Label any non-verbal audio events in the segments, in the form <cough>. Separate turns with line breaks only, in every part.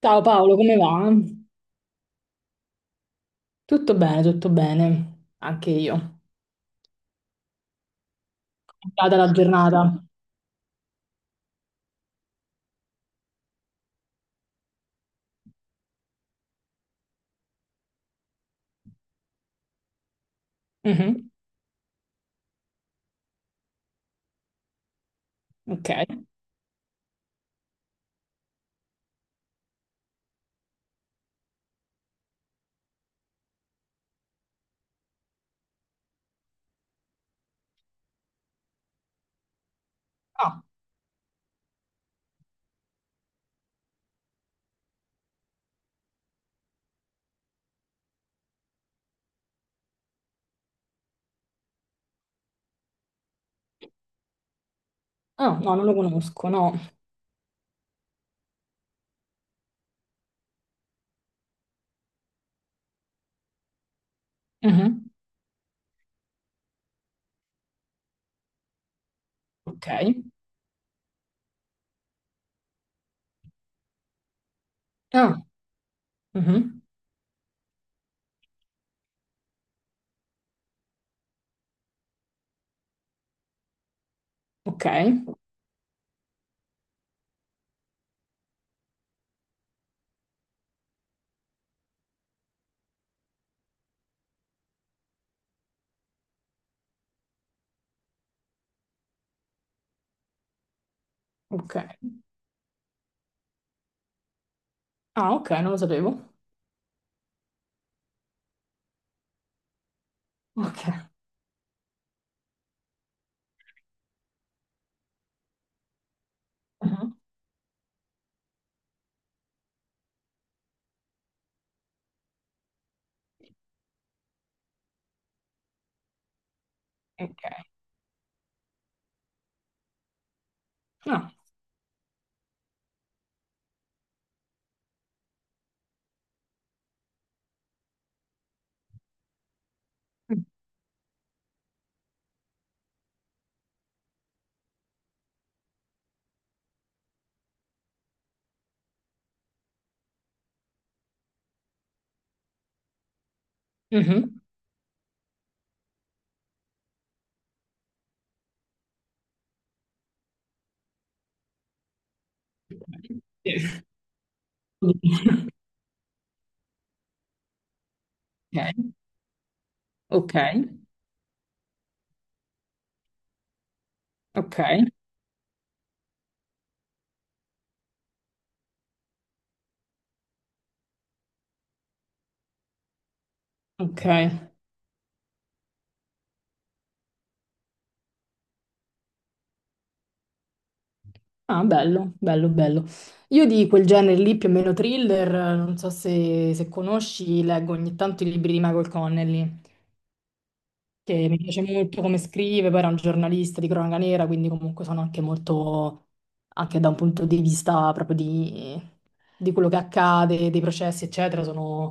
Ciao Paolo, come va? Tutto bene, tutto bene. Anche io. Data la giornata. Mhm. Ok. Ah, ah, no, non lo conosco, no. Mhm. Ok. Ah, mhm, ok. Ok. Ah, ok, non lo sapevo. Ok. Mhm. Ok. Ah. Mhm. Ok, ok, ok, ok. Ah, bello, bello, bello. Io di quel genere lì, più o meno thriller, non so se, se conosci, leggo ogni tanto i libri di Michael Connelly, che mi piace molto come scrive, poi era un giornalista di cronaca nera, quindi comunque sono anche molto, anche da un punto di vista proprio di quello che accade, dei processi, eccetera, sono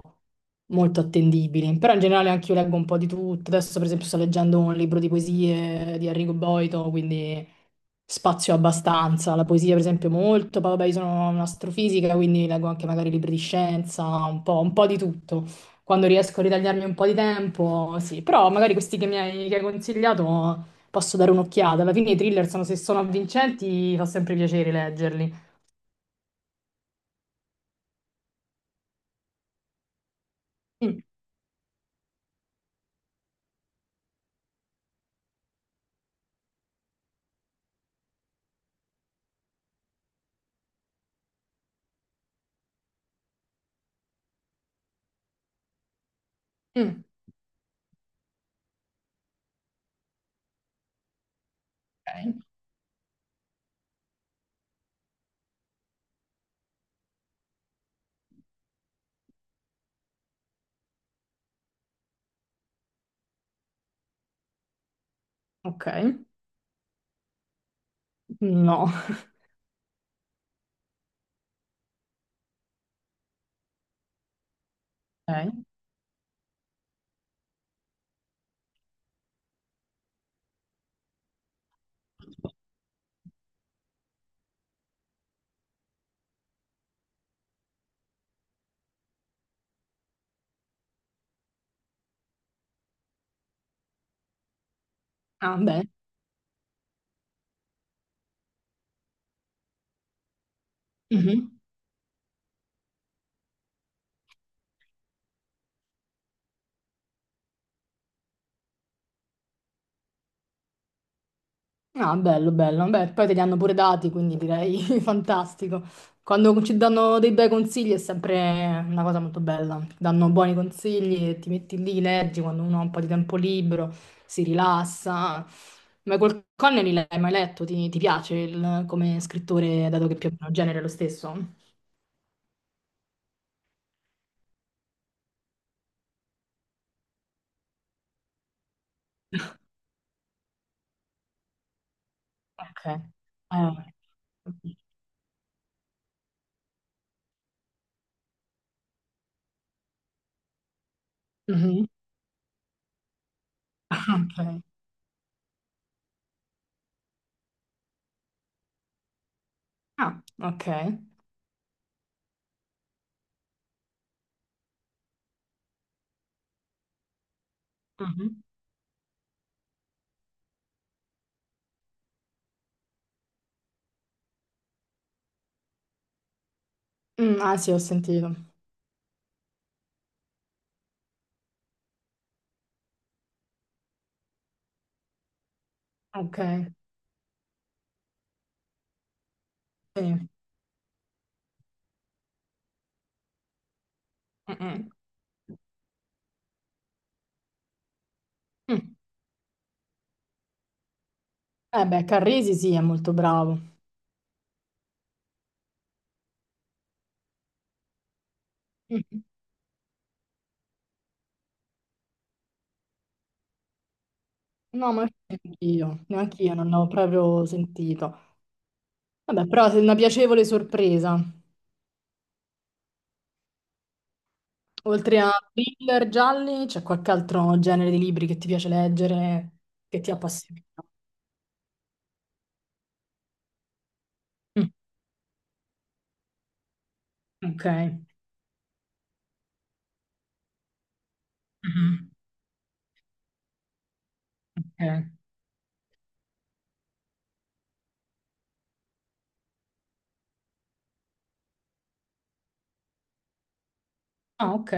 molto attendibili. Però in generale anche io leggo un po' di tutto. Adesso, per esempio, sto leggendo un libro di poesie di Enrico Boito, quindi spazio abbastanza, la poesia per esempio molto, poi vabbè io sono un'astrofisica quindi leggo anche magari libri di scienza, un po' di tutto, quando riesco a ritagliarmi un po' di tempo, sì, però magari questi che mi hai, che hai consigliato posso dare un'occhiata, alla fine i thriller sono, se sono avvincenti fa sempre piacere leggerli. Mm, mm, ok, ok, no, ok, ah bene. Ah, bello, bello. Beh, poi te li hanno pure dati, quindi direi <laughs> fantastico. Quando ci danno dei bei consigli è sempre una cosa molto bella. Ti danno buoni consigli e ti metti lì, leggi quando uno ha un po' di tempo libero, si rilassa. Ma col Connelly l'hai mai letto? Ti piace il- come scrittore, dato che più o meno il genere è lo stesso? Ok. Mhm. <laughs> Ok. Ah, ok. Mhm. Mm, ah sì, ho sentito. Ok. Sì. Mm-mm. Mm. Eh beh, Carrisi sì, è molto bravo. Mm. No, ma neanch'io, neanch'io non l'ho proprio sentito. Vabbè, però è una piacevole sorpresa. Oltre a thriller gialli, c'è qualche altro genere di libri che ti piace leggere, che ti appassiona? Mm. Ok. Mhm. Ok. Ah, ok.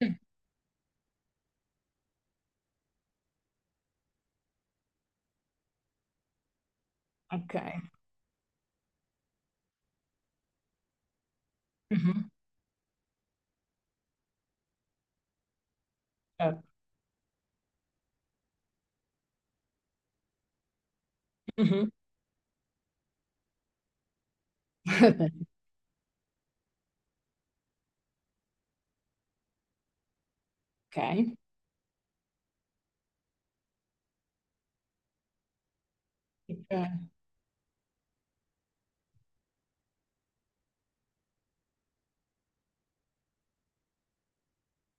Sì. Ok. Mhm. Certo. Mhm. <laughs> Ok. Ok.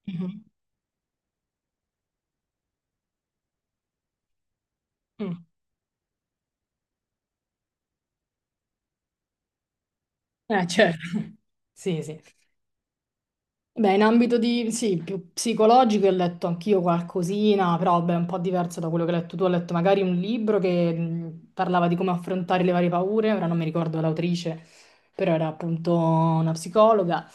Mhm, mm. Certo. Sì, sì. Beh, in ambito di, sì, più psicologico ho letto anch'io qualcosina, però beh, un po' diverso da quello che hai letto tu. Ho letto magari un libro che parlava di come affrontare le varie paure, ora non mi ricordo l'autrice, però era appunto una psicologa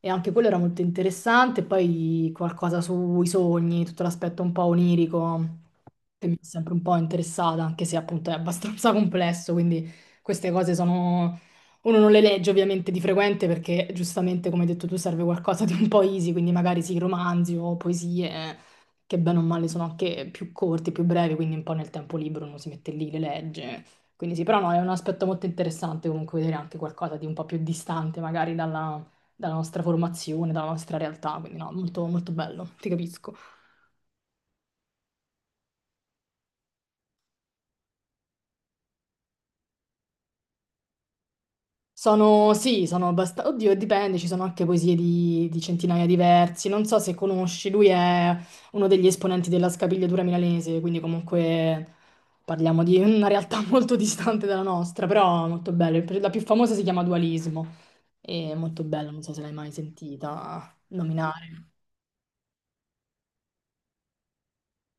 e anche quello era molto interessante. Poi qualcosa sui sogni, tutto l'aspetto un po' onirico che mi è sempre un po' interessata, anche se appunto è abbastanza <laughs> complesso, quindi queste cose sono uno non le legge ovviamente di frequente perché giustamente, come hai detto tu, serve qualcosa di un po' easy, quindi magari sì, romanzi o poesie che bene o male sono anche più corti, più brevi, quindi un po' nel tempo libero uno si mette lì, le legge. Quindi sì, però no, è un aspetto molto interessante comunque vedere anche qualcosa di un po' più distante magari dalla, dalla nostra formazione, dalla nostra realtà, quindi no, molto, molto bello, ti capisco. Sono, sì, sono abbastanza... Oddio, dipende, ci sono anche poesie di centinaia di versi. Non so se conosci, lui è uno degli esponenti della scapigliatura milanese, quindi comunque parliamo di una realtà <laughs> molto distante dalla nostra, però molto bello. La più famosa si chiama Dualismo, è molto bella, non so se l'hai mai sentita nominare.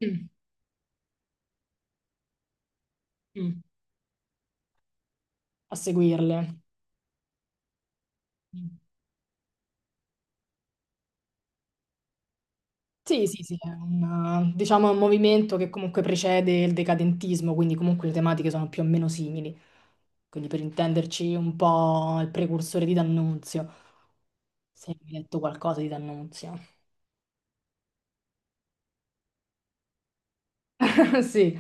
Mm, mm, a seguirle. Sì, sì, sì, è un, diciamo, un movimento che comunque precede il decadentismo, quindi comunque le tematiche sono più o meno simili. Quindi per intenderci un po' il precursore di D'Annunzio, se hai letto qualcosa di D'Annunzio. <laughs> Sì,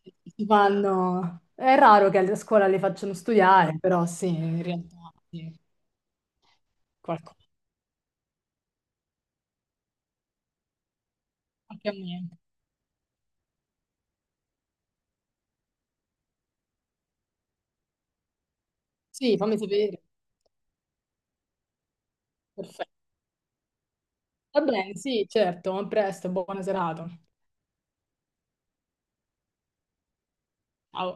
si fanno... È raro che a scuola le facciano studiare, però sì, in realtà sì, qualcosa. Anche a me. Sì, fammi sapere. Perfetto. Va bene, sì, certo, a presto, buona serata. Ciao.